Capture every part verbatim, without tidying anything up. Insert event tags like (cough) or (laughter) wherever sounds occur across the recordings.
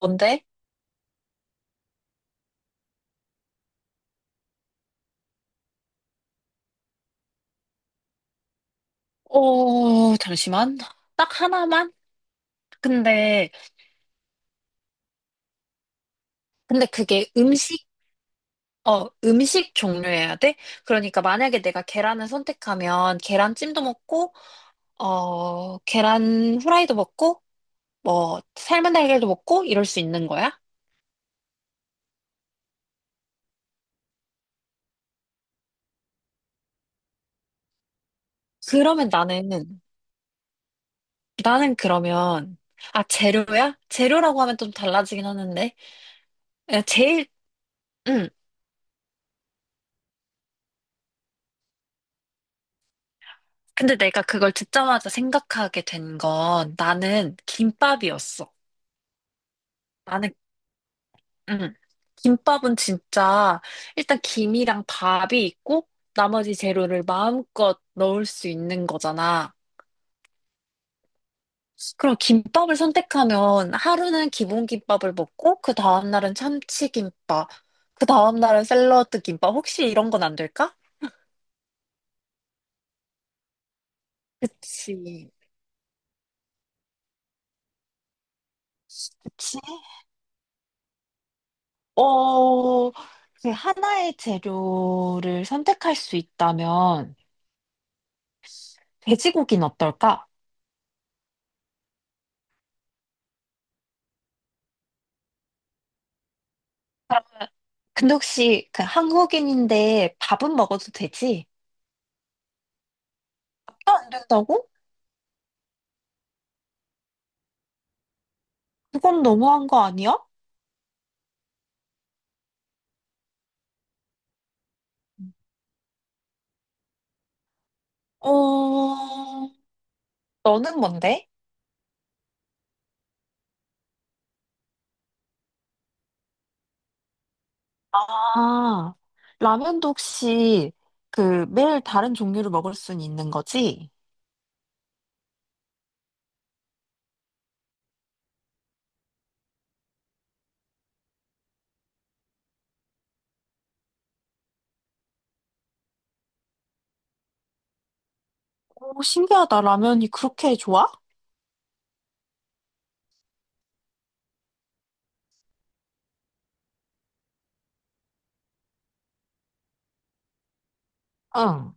뭔데? 어, 잠시만. 딱 하나만? 근데, 근데 그게 음식, 어, 음식 종류여야 돼? 그러니까 만약에 내가 계란을 선택하면 계란찜도 먹고, 어, 계란 후라이도 먹고, 뭐, 삶은 달걀도 먹고, 이럴 수 있는 거야? 그러면 나는, 나는 그러면, 아, 재료야? 재료라고 하면 좀 달라지긴 하는데. 야, 제일, 음. 근데 내가 그걸 듣자마자 생각하게 된 건 나는 김밥이었어. 나는 응. 김밥은 진짜 일단 김이랑 밥이 있고 나머지 재료를 마음껏 넣을 수 있는 거잖아. 그럼 김밥을 선택하면 하루는 기본 김밥을 먹고 그 다음날은 참치김밥, 그 다음날은 샐러드 김밥. 혹시 이런 건 안 될까? 그치, 그치. 어, 그 하나의 재료를 선택할 수 있다면 돼지고기는 어떨까? 근데 혹시 그 한국인인데 밥은 먹어도 되지? 안 된다고? 그건 너무한 거 아니야? 어, 너는 뭔데? 아, 라면도 혹시 그 매일 다른 종류를 먹을 순 있는 거지? 오, 신기하다. 라면이 그렇게 좋아? 응.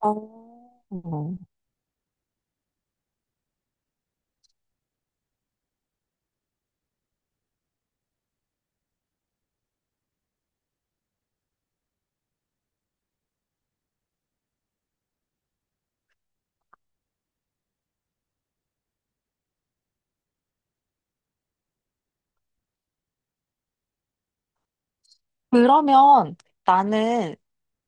어. 그러면 나는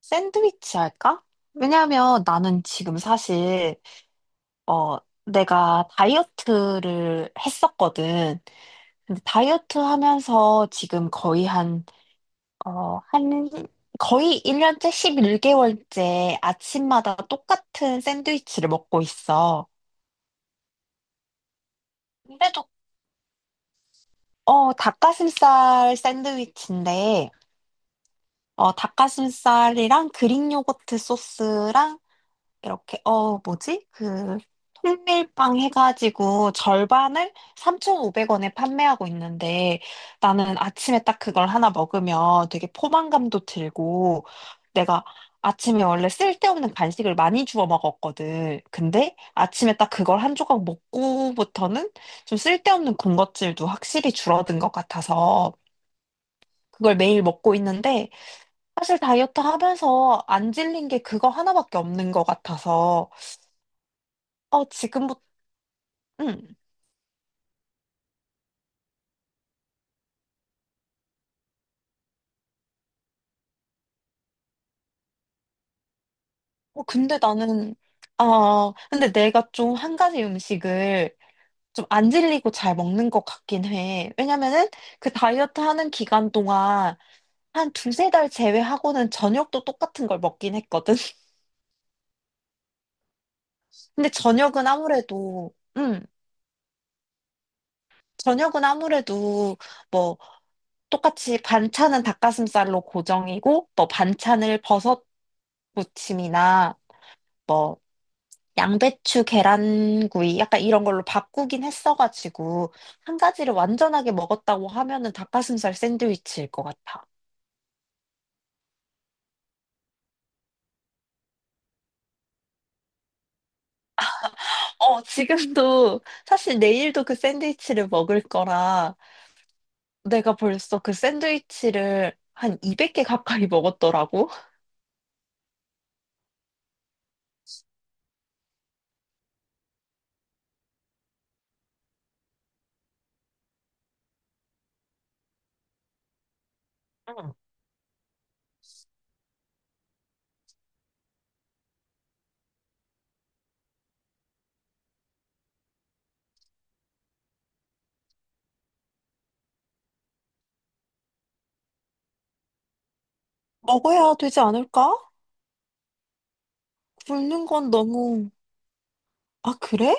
샌드위치 할까? 왜냐면 나는 지금 사실, 어, 내가 다이어트를 했었거든. 근데 다이어트 하면서 지금 거의 한 어, 한, 거의 일 년째 십일 개월째 아침마다 똑같은 샌드위치를 먹고 있어. 근데도, 어, 닭가슴살 샌드위치인데, 어, 닭가슴살이랑 그릭 요거트 소스랑 이렇게, 어, 뭐지? 그, 통밀빵 해가지고 절반을 삼천오백 원에 판매하고 있는데 나는 아침에 딱 그걸 하나 먹으면 되게 포만감도 들고 내가 아침에 원래 쓸데없는 간식을 많이 주워 먹었거든. 근데 아침에 딱 그걸 한 조각 먹고부터는 좀 쓸데없는 군것질도 확실히 줄어든 것 같아서 그걸 매일 먹고 있는데 사실 다이어트 하면서 안 질린 게 그거 하나밖에 없는 것 같아서 어, 지금부터, 음. 어, 근데 나는, 아, 근데 내가 좀 한 가지 음식을 좀 안 질리고 잘 먹는 것 같긴 해. 왜냐면은 그 다이어트 하는 기간 동안 한 두세 달 제외하고는 저녁도 똑같은 걸 먹긴 했거든. (laughs) 근데 저녁은 아무래도, 음, 저녁은 아무래도 뭐 똑같이 반찬은 닭가슴살로 고정이고, 뭐 반찬을 버섯 무침이나 뭐 양배추 계란구이 약간 이런 걸로 바꾸긴 했어가지고 한 가지를 완전하게 먹었다고 하면은 닭가슴살 샌드위치일 것 같아. 어, 지금도 사실 내일도 그 샌드위치를 먹을 거라 내가 벌써 그 샌드위치를 한 이백 개 가까이 먹었더라고. 응, 먹어야 되지 않을까? 굶는 건 너무, 아, 그래?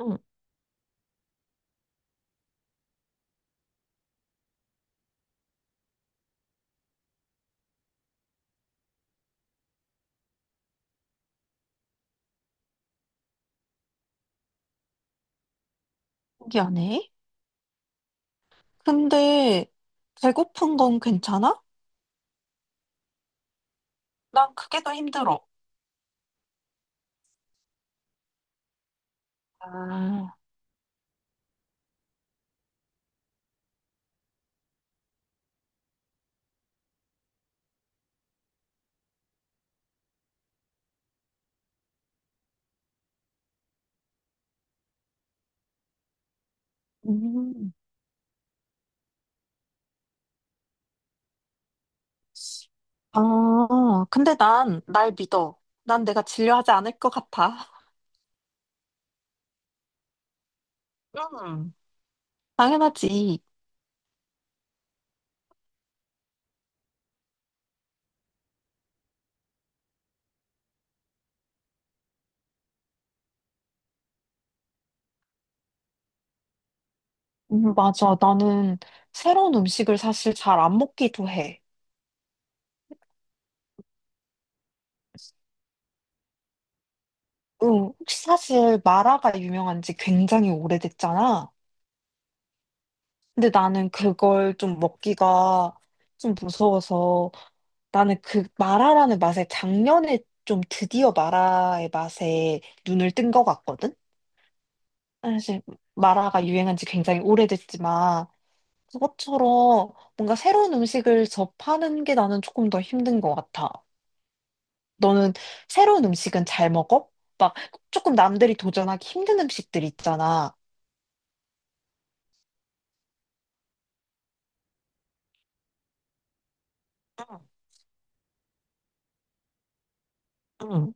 응. 신기하네. 근데 배고픈 건 괜찮아? 난 그게 더 힘들어. 아, 음. 어, 근데 난 날 믿어. 난 내가 진료하지 않을 것 같아. 음, 당연하지. 음, 맞아. 나는 새로운 음식을 사실 잘 안 먹기도 해. 응, 혹시 사실 마라가 유명한 지 굉장히 오래됐잖아. 근데 나는 그걸 좀 먹기가 좀 무서워서 나는 그 마라라는 맛에 작년에 좀 드디어 마라의 맛에 눈을 뜬 것 같거든? 사실 마라가 유행한 지 굉장히 오래됐지만 그것처럼 뭔가 새로운 음식을 접하는 게 나는 조금 더 힘든 것 같아. 너는 새로운 음식은 잘 먹어? 막 조금 남들이 도전하기 힘든 음식들 있잖아. 응, 응.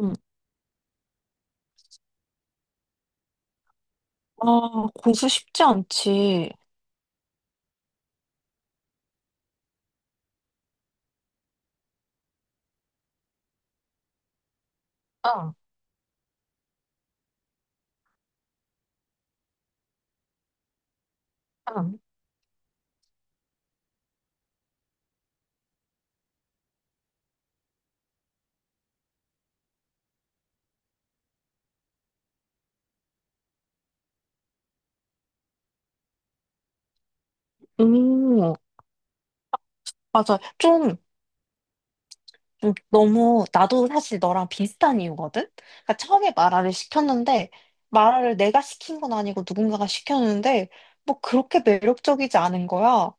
응. 아, 고수 쉽지 않지. 응, 응. 음, 맞아. 좀, 좀 너무, 나도 사실 너랑 비슷한 이유거든? 그러니까 처음에 마라를 시켰는데, 마라를 내가 시킨 건 아니고 누군가가 시켰는데, 뭐 그렇게 매력적이지 않은 거야.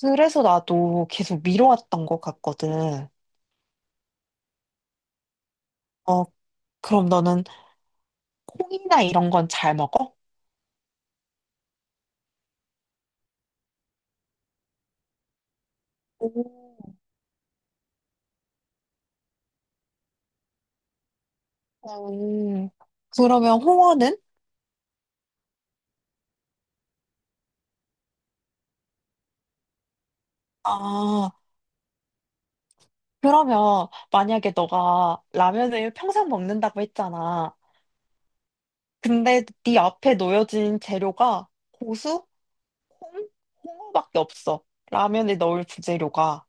그래서 나도 계속 미뤄왔던 것 같거든. 어, 그럼 너는 콩이나 이런 건 잘 먹어? 오, 음, 그러면 홍어는? 아, 그러면 만약에 너가 라면을 평생 먹는다고 했잖아. 근데 네 앞에 놓여진 재료가 고수, 콩, 홍어밖에 없어. 라면에 넣을 부재료가.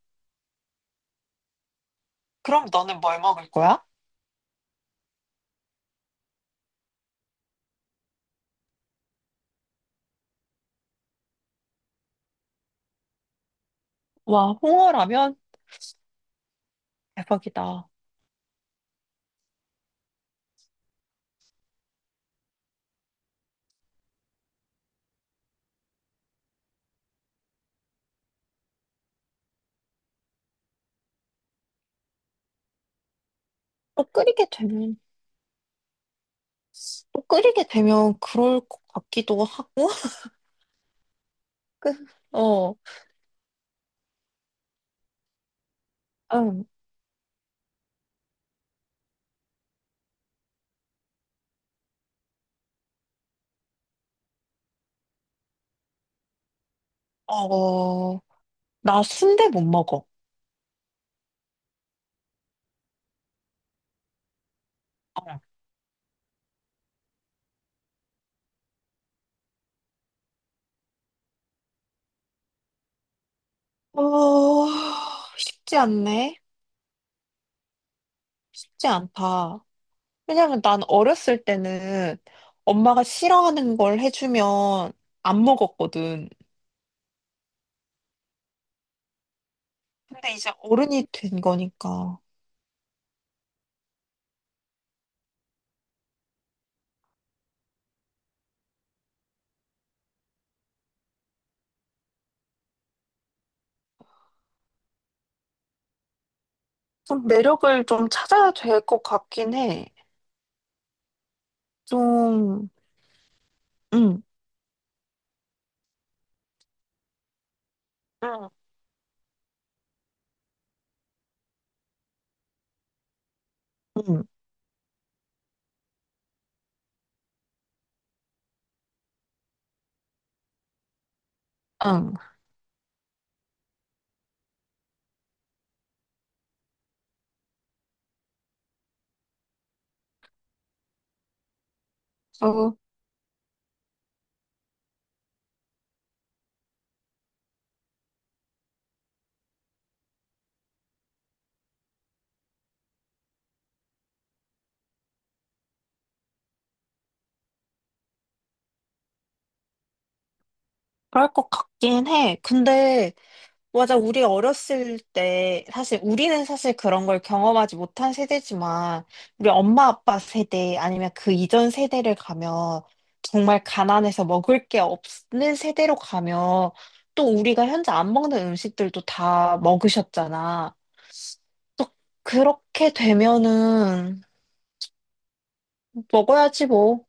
그럼 너는 뭘 먹을 거야? 와, 홍어라면? 대박이다. 또 끓이게 되면 또 끓이게 되면 그럴 것 같기도 하고, (laughs) 그- 어, 응, 어, 나 순대 못 먹어. 어, 쉽지 않네. 쉽지 않다. 왜냐면 난 어렸을 때는 엄마가 싫어하는 걸 해주면 안 먹었거든. 근데 이제 어른이 된 거니까. 좀 매력을 좀 찾아야 될 것 같긴 해. 좀, 응, 응, 응, 응. 어, 그럴 것 같긴 해. 근데, 맞아, 우리 어렸을 때, 사실 우리는 사실 그런 걸 경험하지 못한 세대지만, 우리 엄마 아빠 세대 아니면 그 이전 세대를 가면, 정말 가난해서 먹을 게 없는 세대로 가면, 또 우리가 현재 안 먹는 음식들도 다 먹으셨잖아. 또 그렇게 되면은, 먹어야지 뭐.